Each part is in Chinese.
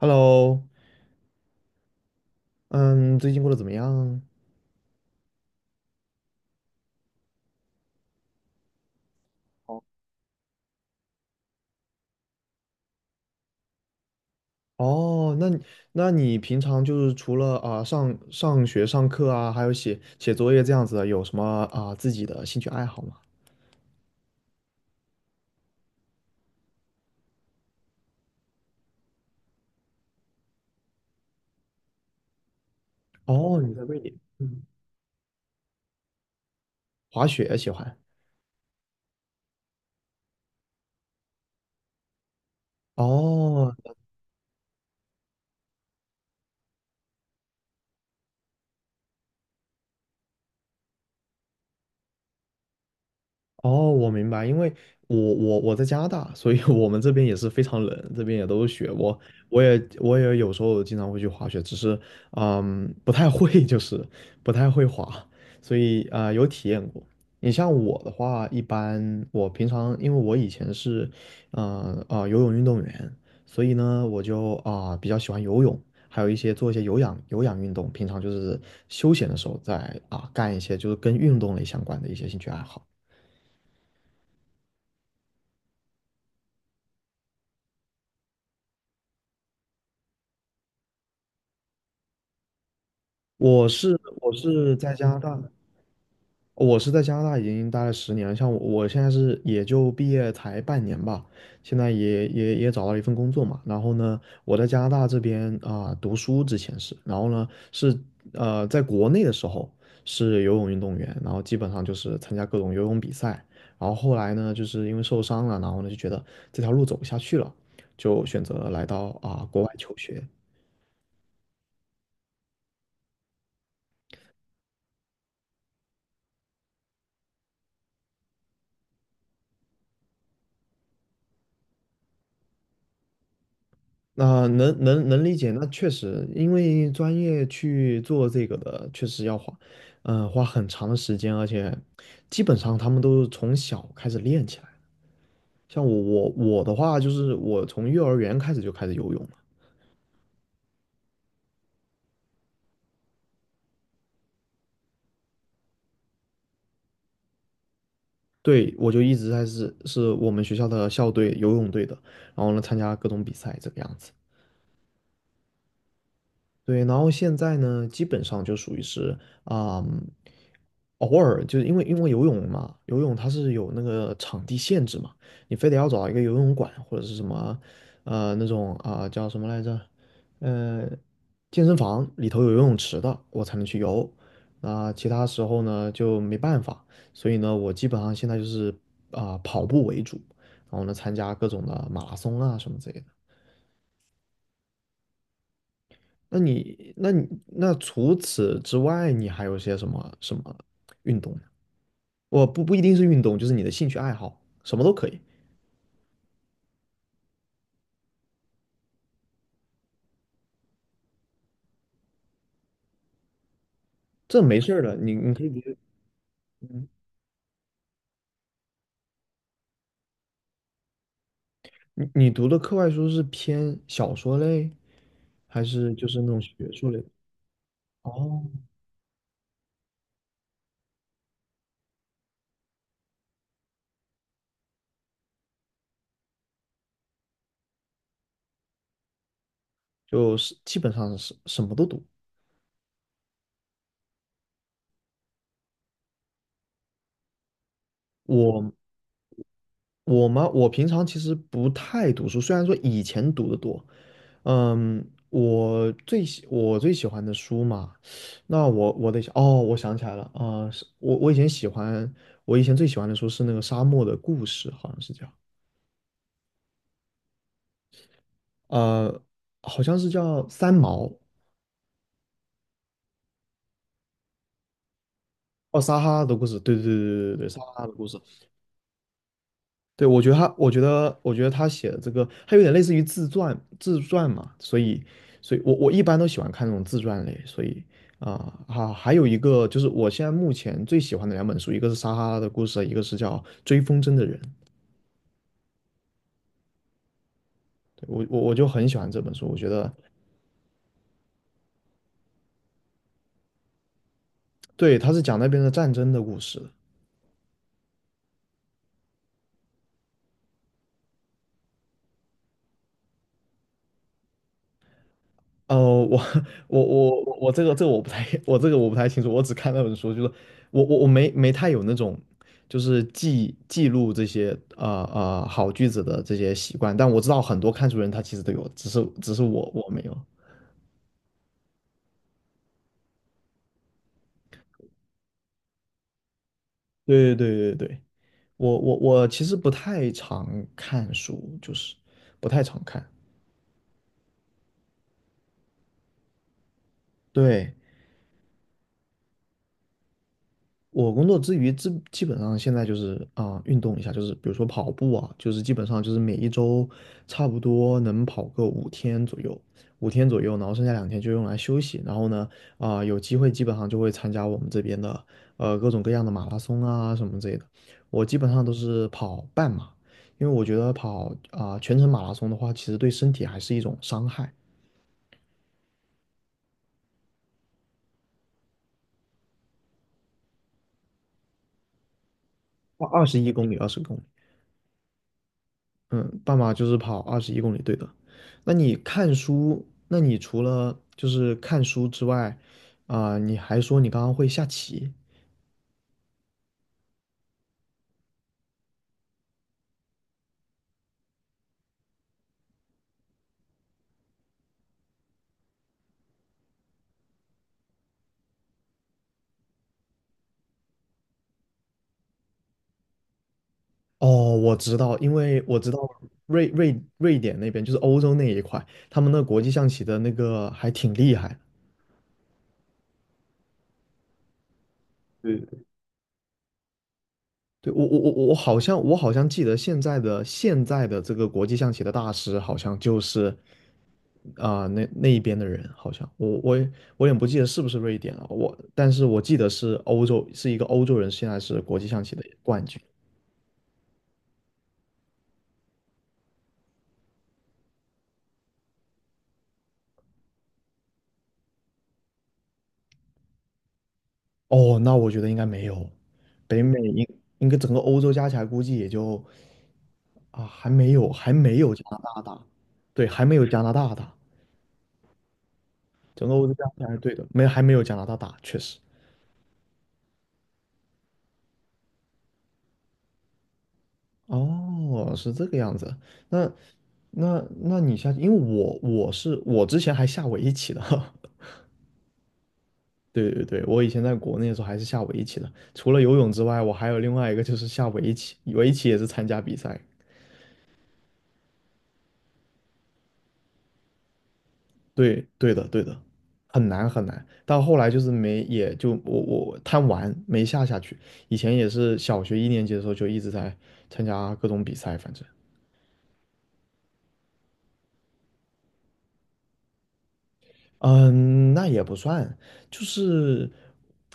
Hello，嗯，最近过得怎么样？哦，哦，那你平常就是除了上学上课啊，还有写写作业这样子的，有什么自己的兴趣爱好吗？哦，你在瑞典，嗯，滑雪喜欢。哦，哦，我明白，因为我在加拿大，所以我们这边也是非常冷，这边也都是雪。我我也有时候经常会去滑雪，只是不太会，就是不太会滑，所以有体验过。你像我的话，一般我平常因为我以前是游泳运动员，所以呢我就比较喜欢游泳，还有一些做一些有氧运动，平常就是休闲的时候在干一些就是跟运动类相关的一些兴趣爱好。我是在加拿大，我是在加拿大已经待了十年了，像我现在是也就毕业才半年吧，现在也找到了一份工作嘛。然后呢，我在加拿大这边读书之前是，然后呢是在国内的时候是游泳运动员，然后基本上就是参加各种游泳比赛，然后后来呢就是因为受伤了，然后呢就觉得这条路走不下去了，就选择来到国外求学。那能理解，那确实，因为专业去做这个的，确实要花，嗯、花很长的时间，而且基本上他们都是从小开始练起来。像我的话，就是我从幼儿园开始就开始游泳了，对，我就一直是我们学校的校队游泳队的，然后呢参加各种比赛这个样子。对，然后现在呢，基本上就属于是啊、偶尔就是因为游泳嘛，游泳它是有那个场地限制嘛，你非得要找一个游泳馆或者是什么那种叫什么来着，呃健身房里头有游泳池的，我才能去游。那、其他时候呢就没办法，所以呢，我基本上现在就是跑步为主，然后呢参加各种的马拉松啊什么之类的。那除此之外，你还有些什么运动呢？我不不一定是运动，就是你的兴趣爱好，什么都可以。这没事儿的，你可以直接嗯，你读的课外书是偏小说类，还是就是那种学术类的？哦，就是基本上是什么都读。我我吗？我平常其实不太读书，虽然说以前读的多。嗯，我最喜欢的书嘛，那我得想哦，我想起来了啊，是我以前最喜欢的书是那个《沙漠的故事》，好像是叫呃，好像是叫三毛。哦，撒哈拉的故事，对对对对对对，撒哈拉的故事，对，我觉得他，我觉得，我觉得他写的这个，他有点类似于自传，自传嘛，所以，所以我一般都喜欢看那种自传类，所以还有一个就是我现在目前最喜欢的两本书，一个是《撒哈拉的故事》，一个是叫《追风筝的人》。对我就很喜欢这本书，我觉得对，他是讲那边的战争的故事。哦，我 我这个我不太 我这个我不太清楚，我只看那本书，就是我没太有那种就是记录这些啊啊、好句子的这些习惯，但我知道很多看书人他其实都有，只是我没有。对对对对对，我其实不太常看书，就是不太常看。对，我工作之余，基本上现在就是运动一下，就是比如说跑步啊，就是基本上就是每一周差不多能跑个五天左右，五天左右，然后剩下两天就用来休息。然后呢，有机会基本上就会参加我们这边的各种各样的马拉松啊什么之类的。我基本上都是跑半马，因为我觉得跑全程马拉松的话，其实对身体还是一种伤害，二十一公里、二十公里。嗯，半马就是跑二十一公里，对的。那你除了就是看书之外，你还说你刚刚会下棋。哦，我知道，因为我知道瑞典那边就是欧洲那一块，他们那国际象棋的那个还挺厉害的。对对对，我好像记得现在的这个国际象棋的大师好像就是那一边的人好像我也不记得是不是瑞典了，但是我记得是欧洲，是一个欧洲人，现在是国际象棋的冠军。哦，那我觉得应该没有，北美应该整个欧洲加起来估计也就还没有加拿大大，对，还没有加拿大大，整个欧洲加起来对的，没还没有加拿大大，确实。哦，是这个样子。那那那你下，因为我之前还下围棋的，对对对，我以前在国内的时候还是下围棋的，除了游泳之外，我还有另外一个就是下围棋，围棋也是参加比赛。对对的对的，很难很难。到后来就是没，也就我贪玩没下下去。以前也是小学一年级的时候就一直在参加各种比赛，反正。嗯，那也不算，就是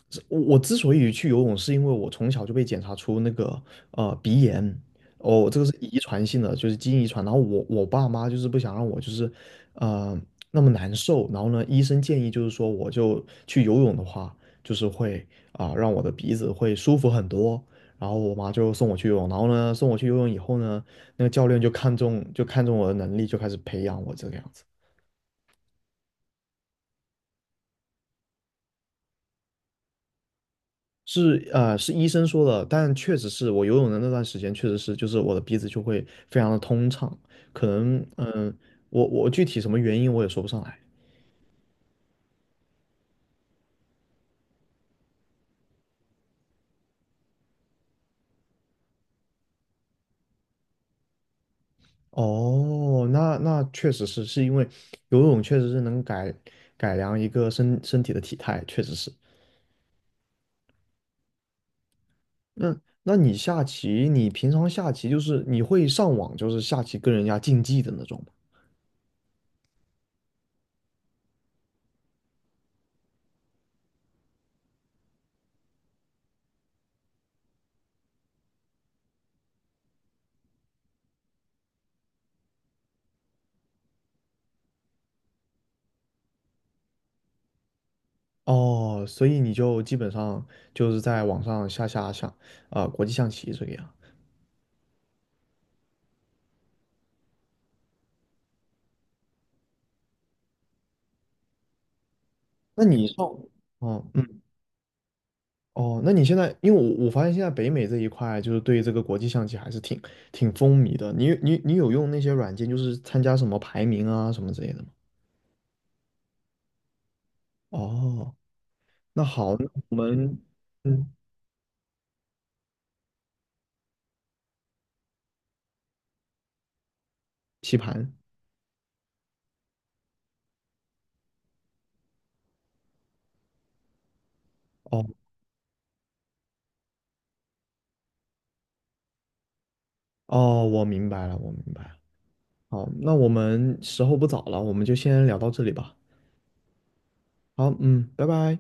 是我之所以去游泳，是因为我从小就被检查出那个鼻炎，哦，这个是遗传性的，就是基因遗传。然后我爸妈就是不想让我就是呃那么难受，然后呢，医生建议就是说我就去游泳的话，就是会让我的鼻子会舒服很多。然后我妈就送我去游泳，然后呢送我去游泳以后呢，那个教练就看中我的能力，就开始培养我这个样子。是是医生说的，但确实是我游泳的那段时间，确实是就是我的鼻子就会非常的通畅，可能我具体什么原因我也说不上来。哦，那确实是因为游泳确实是能改良一个身体的体态，确实是。那那你下棋，你平常下棋就是你会上网就是下棋跟人家竞技的那种吗？哦，所以你就基本上就是在网上下国际象棋这个样。那你上，哦，嗯，哦，那你现在，因为我发现现在北美这一块就是对这个国际象棋还是挺风靡的。你有用那些软件，就是参加什么排名啊什么之类的吗？哦，那好，那我们嗯棋盘，哦哦，我明白了，我明白了。好，那我们时候不早了，我们就先聊到这里吧。好，嗯，拜拜。